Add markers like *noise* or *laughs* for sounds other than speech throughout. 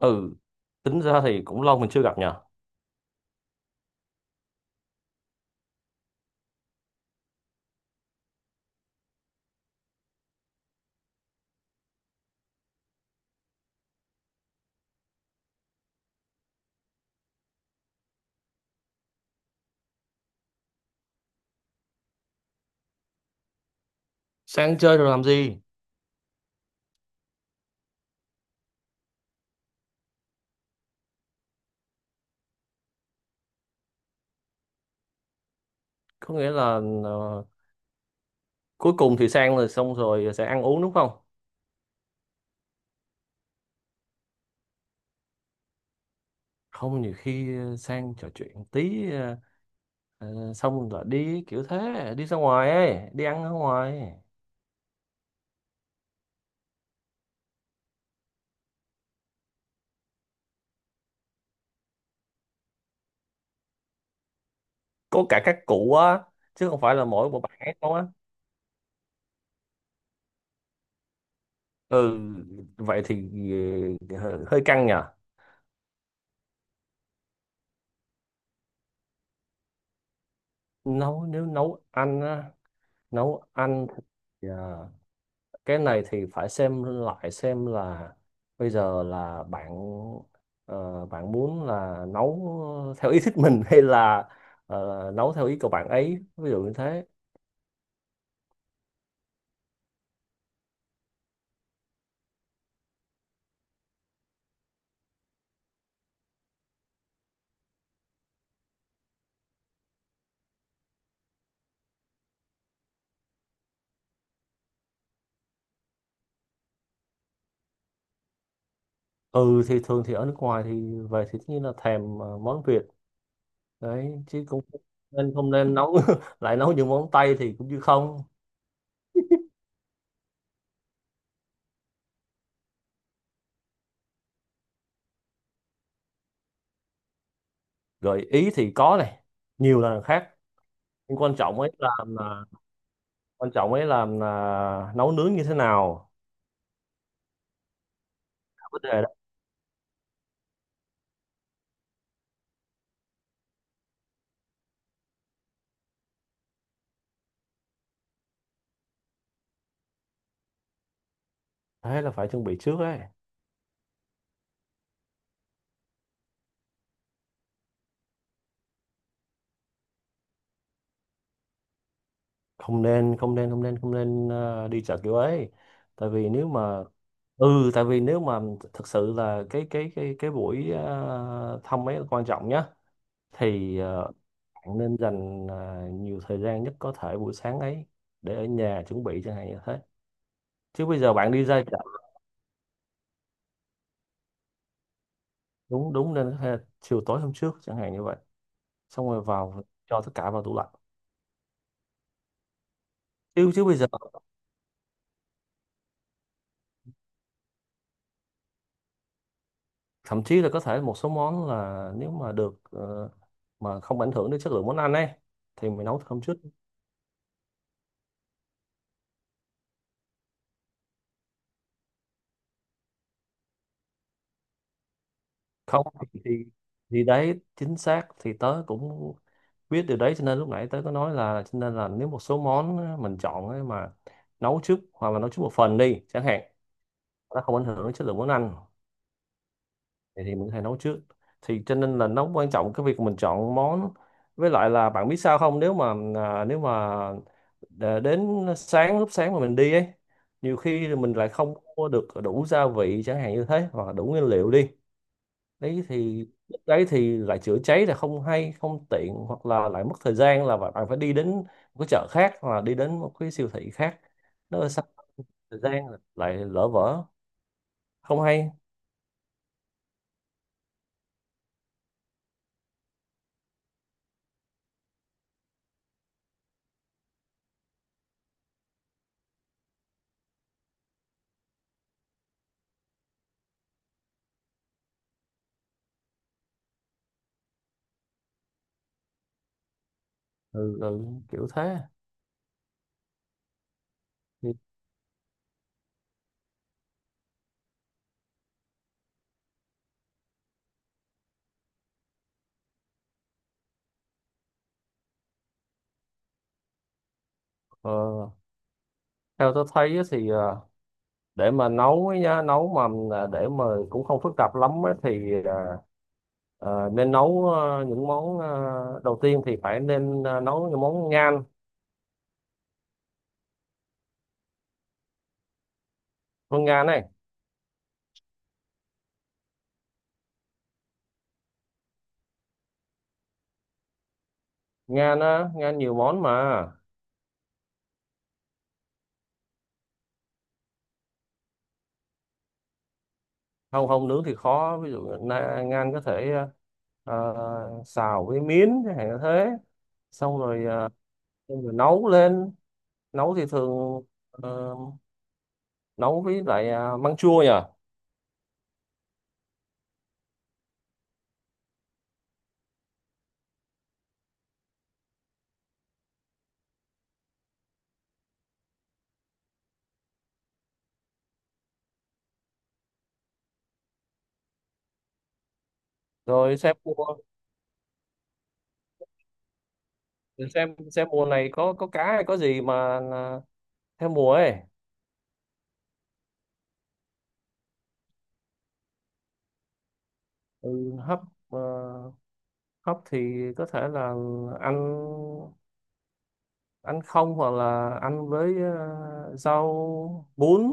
Ừ, tính ra thì cũng lâu mình chưa gặp nhờ. Sang chơi rồi làm gì? Có nghĩa là, ờ, cuối cùng thì sang rồi xong rồi sẽ ăn uống đúng không? Không, nhiều khi sang trò chuyện tí, xong rồi đi kiểu thế, đi ra ngoài ấy, đi ăn ở ngoài. Có cả các cụ á? Chứ không phải là mỗi một bạn ấy không á? Ừ, vậy thì hơi hơi căng nhờ. Nếu nấu ăn á? Nấu ăn. Dạ. Cái này thì phải xem lại xem là bây giờ là bạn, bạn muốn là nấu theo ý thích mình *laughs* hay là nấu theo ý của bạn ấy, ví dụ như thế. Ừ thì thường thì ở nước ngoài thì về thì tất nhiên là thèm món Việt đấy, chứ cũng không nên nấu *laughs* lại nấu những món Tây thì cũng như không. Gợi ý thì có này, nhiều là khác. Nhưng quan trọng ấy là quan trọng ấy là nấu nướng như thế nào, là vấn đề đó. Thế là phải chuẩn bị trước ấy. Không nên không nên đi chợ kiểu ấy. Tại vì nếu mà, ừ, tại vì nếu mà thực sự là cái buổi thăm ấy là quan trọng nhá, thì bạn nên dành nhiều thời gian nhất có thể buổi sáng ấy để ở nhà chuẩn bị chẳng hạn như thế, chứ bây giờ bạn đi ra chợ. Đúng đúng, nên có thể là chiều tối hôm trước chẳng hạn như vậy, xong rồi vào, cho tất cả vào tủ lạnh. Chứ chứ bây giờ thậm chí là có thể một số món là nếu mà được, mà không ảnh hưởng đến chất lượng món ăn ấy, thì mình nấu thơm chút. Không, thì thì đấy chính xác, thì tớ cũng biết điều đấy, cho nên lúc nãy tớ có nói là cho nên là nếu một số món mình chọn ấy mà nấu trước hoặc là nấu trước một phần đi chẳng hạn, nó không ảnh hưởng đến chất lượng món ăn, thì mình có thể nấu trước. Thì cho nên là nó quan trọng cái việc mình chọn món. Với lại là bạn biết sao không, nếu mà nếu mà đã đến sáng, lúc sáng mà mình đi ấy, nhiều khi là mình lại không mua được đủ gia vị chẳng hạn như thế, hoặc là đủ nguyên liệu đi. Đấy thì lúc đấy thì lại chữa cháy, là không hay, không tiện, hoặc là lại mất thời gian là bạn bạn phải đi đến một cái chợ khác hoặc là đi đến một cái siêu thị khác. Nó là sắp thời gian lại lỡ vỡ, không hay. Ừ, ừ, kiểu thế. Thì, ờ, theo tôi thấy á thì, để mà nấu ấy nha, nấu mà để mà cũng không phức tạp lắm ấy, thì nên nấu những món, đầu tiên thì phải nên nấu những món ngan, món ngan này. Ngan á, ngan nhiều món mà. Không không, nướng thì khó, ví dụ ngan có thể ờ, xào với miến chẳng hạn như thế, xong rồi, xong rồi nấu lên. Nấu thì thường ờ, nấu với lại măng chua nhỉ. Rồi xem mua, xem mùa này có cá hay có gì mà theo mùa ấy. Ừ, hấp, ờ, khóc thì có thể là ăn, ăn không, hoặc là ăn với rau bún.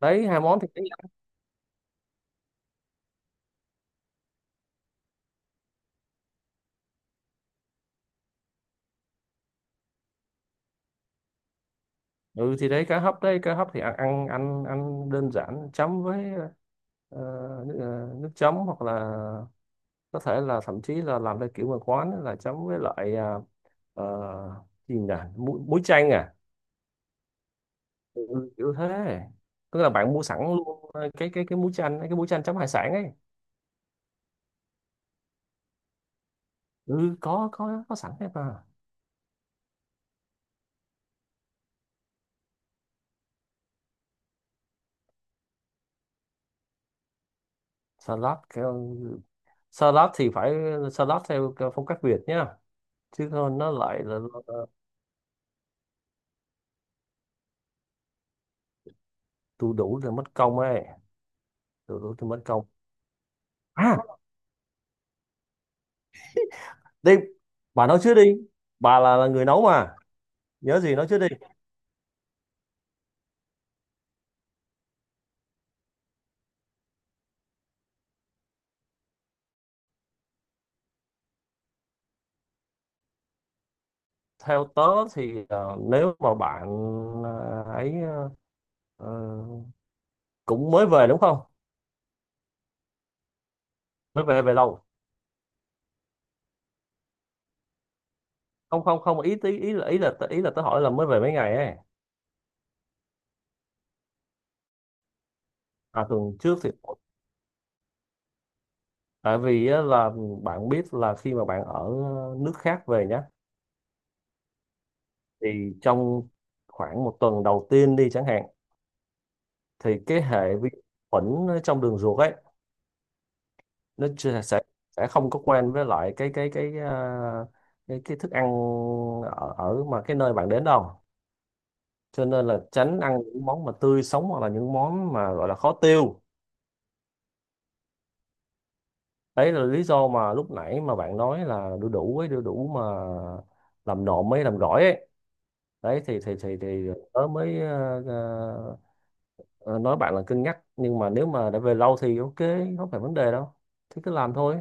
Đấy hai món thì đấy. Ừ thì đấy, cá hấp, đấy cá hấp thì ăn đơn giản chấm với ờ, nước, nước chấm, hoặc là có thể là thậm chí là làm theo kiểu mà quán ấy là chấm với lại, gì nhỉ, muối, muối chanh à. Ừ, kiểu thế. Tức là bạn mua sẵn luôn cái muối chanh, cái muối chanh chấm hải sản ấy. Ừ, có sẵn hết mà. Salad theo, salad thì phải, salad theo cái phong cách Việt nhá, chứ không nó lại là. Đu đủ thì mất công ấy, đu đủ thì mất công. À đi, bà nói trước đi, bà là người nấu mà. Nhớ gì nói trước đi. Theo tớ thì, nếu mà bạn ờ, ấy ờ, ờ, cũng mới về đúng không? Mới về, về lâu? Không không không, ý ý ý là ý là ý là tớ hỏi là mới về mấy ngày ấy. À tuần trước thì, tại vì á, là bạn biết là khi mà bạn ở nước khác về nhá, thì trong khoảng một tuần đầu tiên đi chẳng hạn, thì cái hệ vi khuẩn ở trong đường ruột ấy, nó chưa- sẽ không có quen với lại cái thức ăn ở, ở mà cái nơi bạn đến đâu, cho nên là tránh ăn những món mà tươi sống hoặc là những món mà gọi là khó tiêu. Đấy là lý do mà lúc nãy mà bạn nói là đu đủ ấy, đu đủ mà làm nộm ấy, làm gỏi ấy. Đấy thì tớ mới ờ, Ờ, nói bạn là cân nhắc, nhưng mà nếu mà đã về lâu thì ok, không phải vấn đề đâu, thế cứ làm thôi.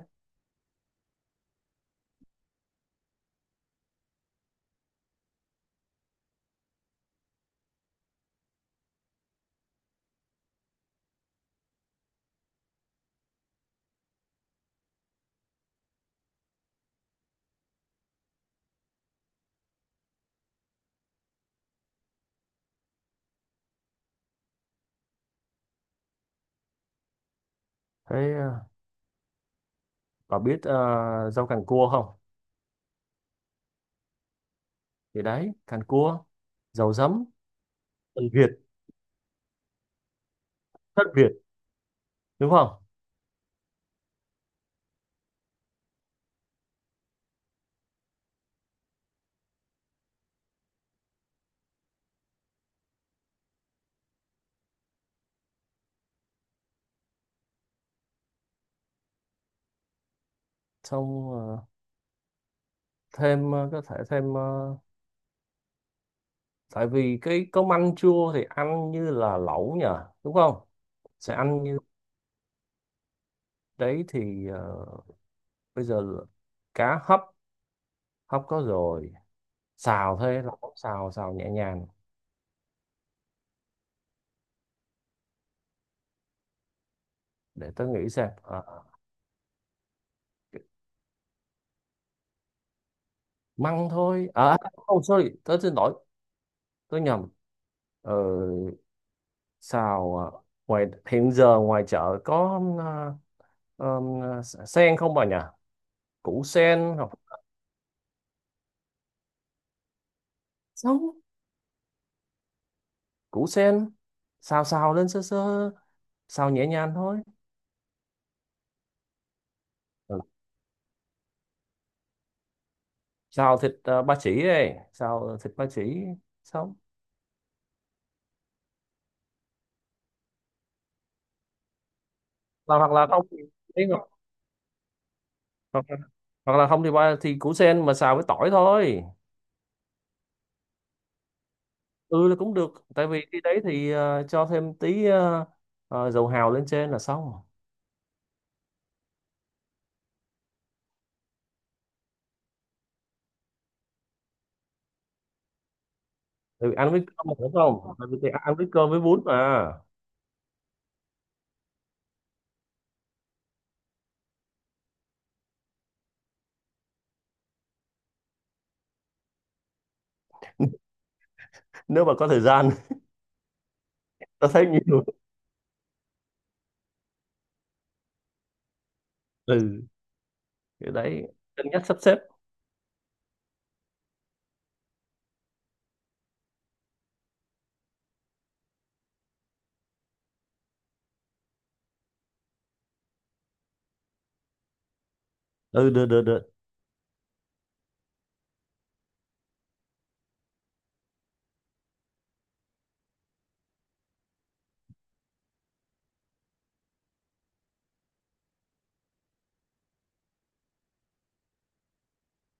Thế bà biết rau càng cua không? Thì đấy, càng cua dầu giấm, Tần Việt, thất Việt, đúng không? Xong thêm, có thể thêm tại vì cái cơm ăn chua thì ăn như là lẩu nhỉ, đúng không? Sẽ ăn như, đấy thì bây giờ là cá hấp, hấp có rồi. Xào thôi, lẩu xào, xào nhẹ nhàng. Để tôi nghĩ xem. Ờ. Măng thôi à. Oh sorry, tớ xin lỗi, tớ nhầm. ờ, Xào ngoài hiện giờ ngoài chợ có sen không bà nhỉ? Củ sen hoặc sống, củ sen xào, xào lên sơ sơ, xào nhẹ nhàng thôi. Ừ. Xào thịt ba chỉ đây, xào thịt ba chỉ sống. Hoặc hoặc là không thì- hoặc, hoặc là không thì ba thì củ sen mà xào với tỏi thôi. Ừ là cũng được, tại vì cái đấy thì cho thêm tí dầu hào lên trên là xong. Tại vì ăn với cơm mà, đúng không, tại vì thì ăn với cơm với bún mà. Nếu mà có thời gian *laughs* tao thấy nhiều. Ừ, cái đấy cân nhắc sắp xếp. Ừ được được được.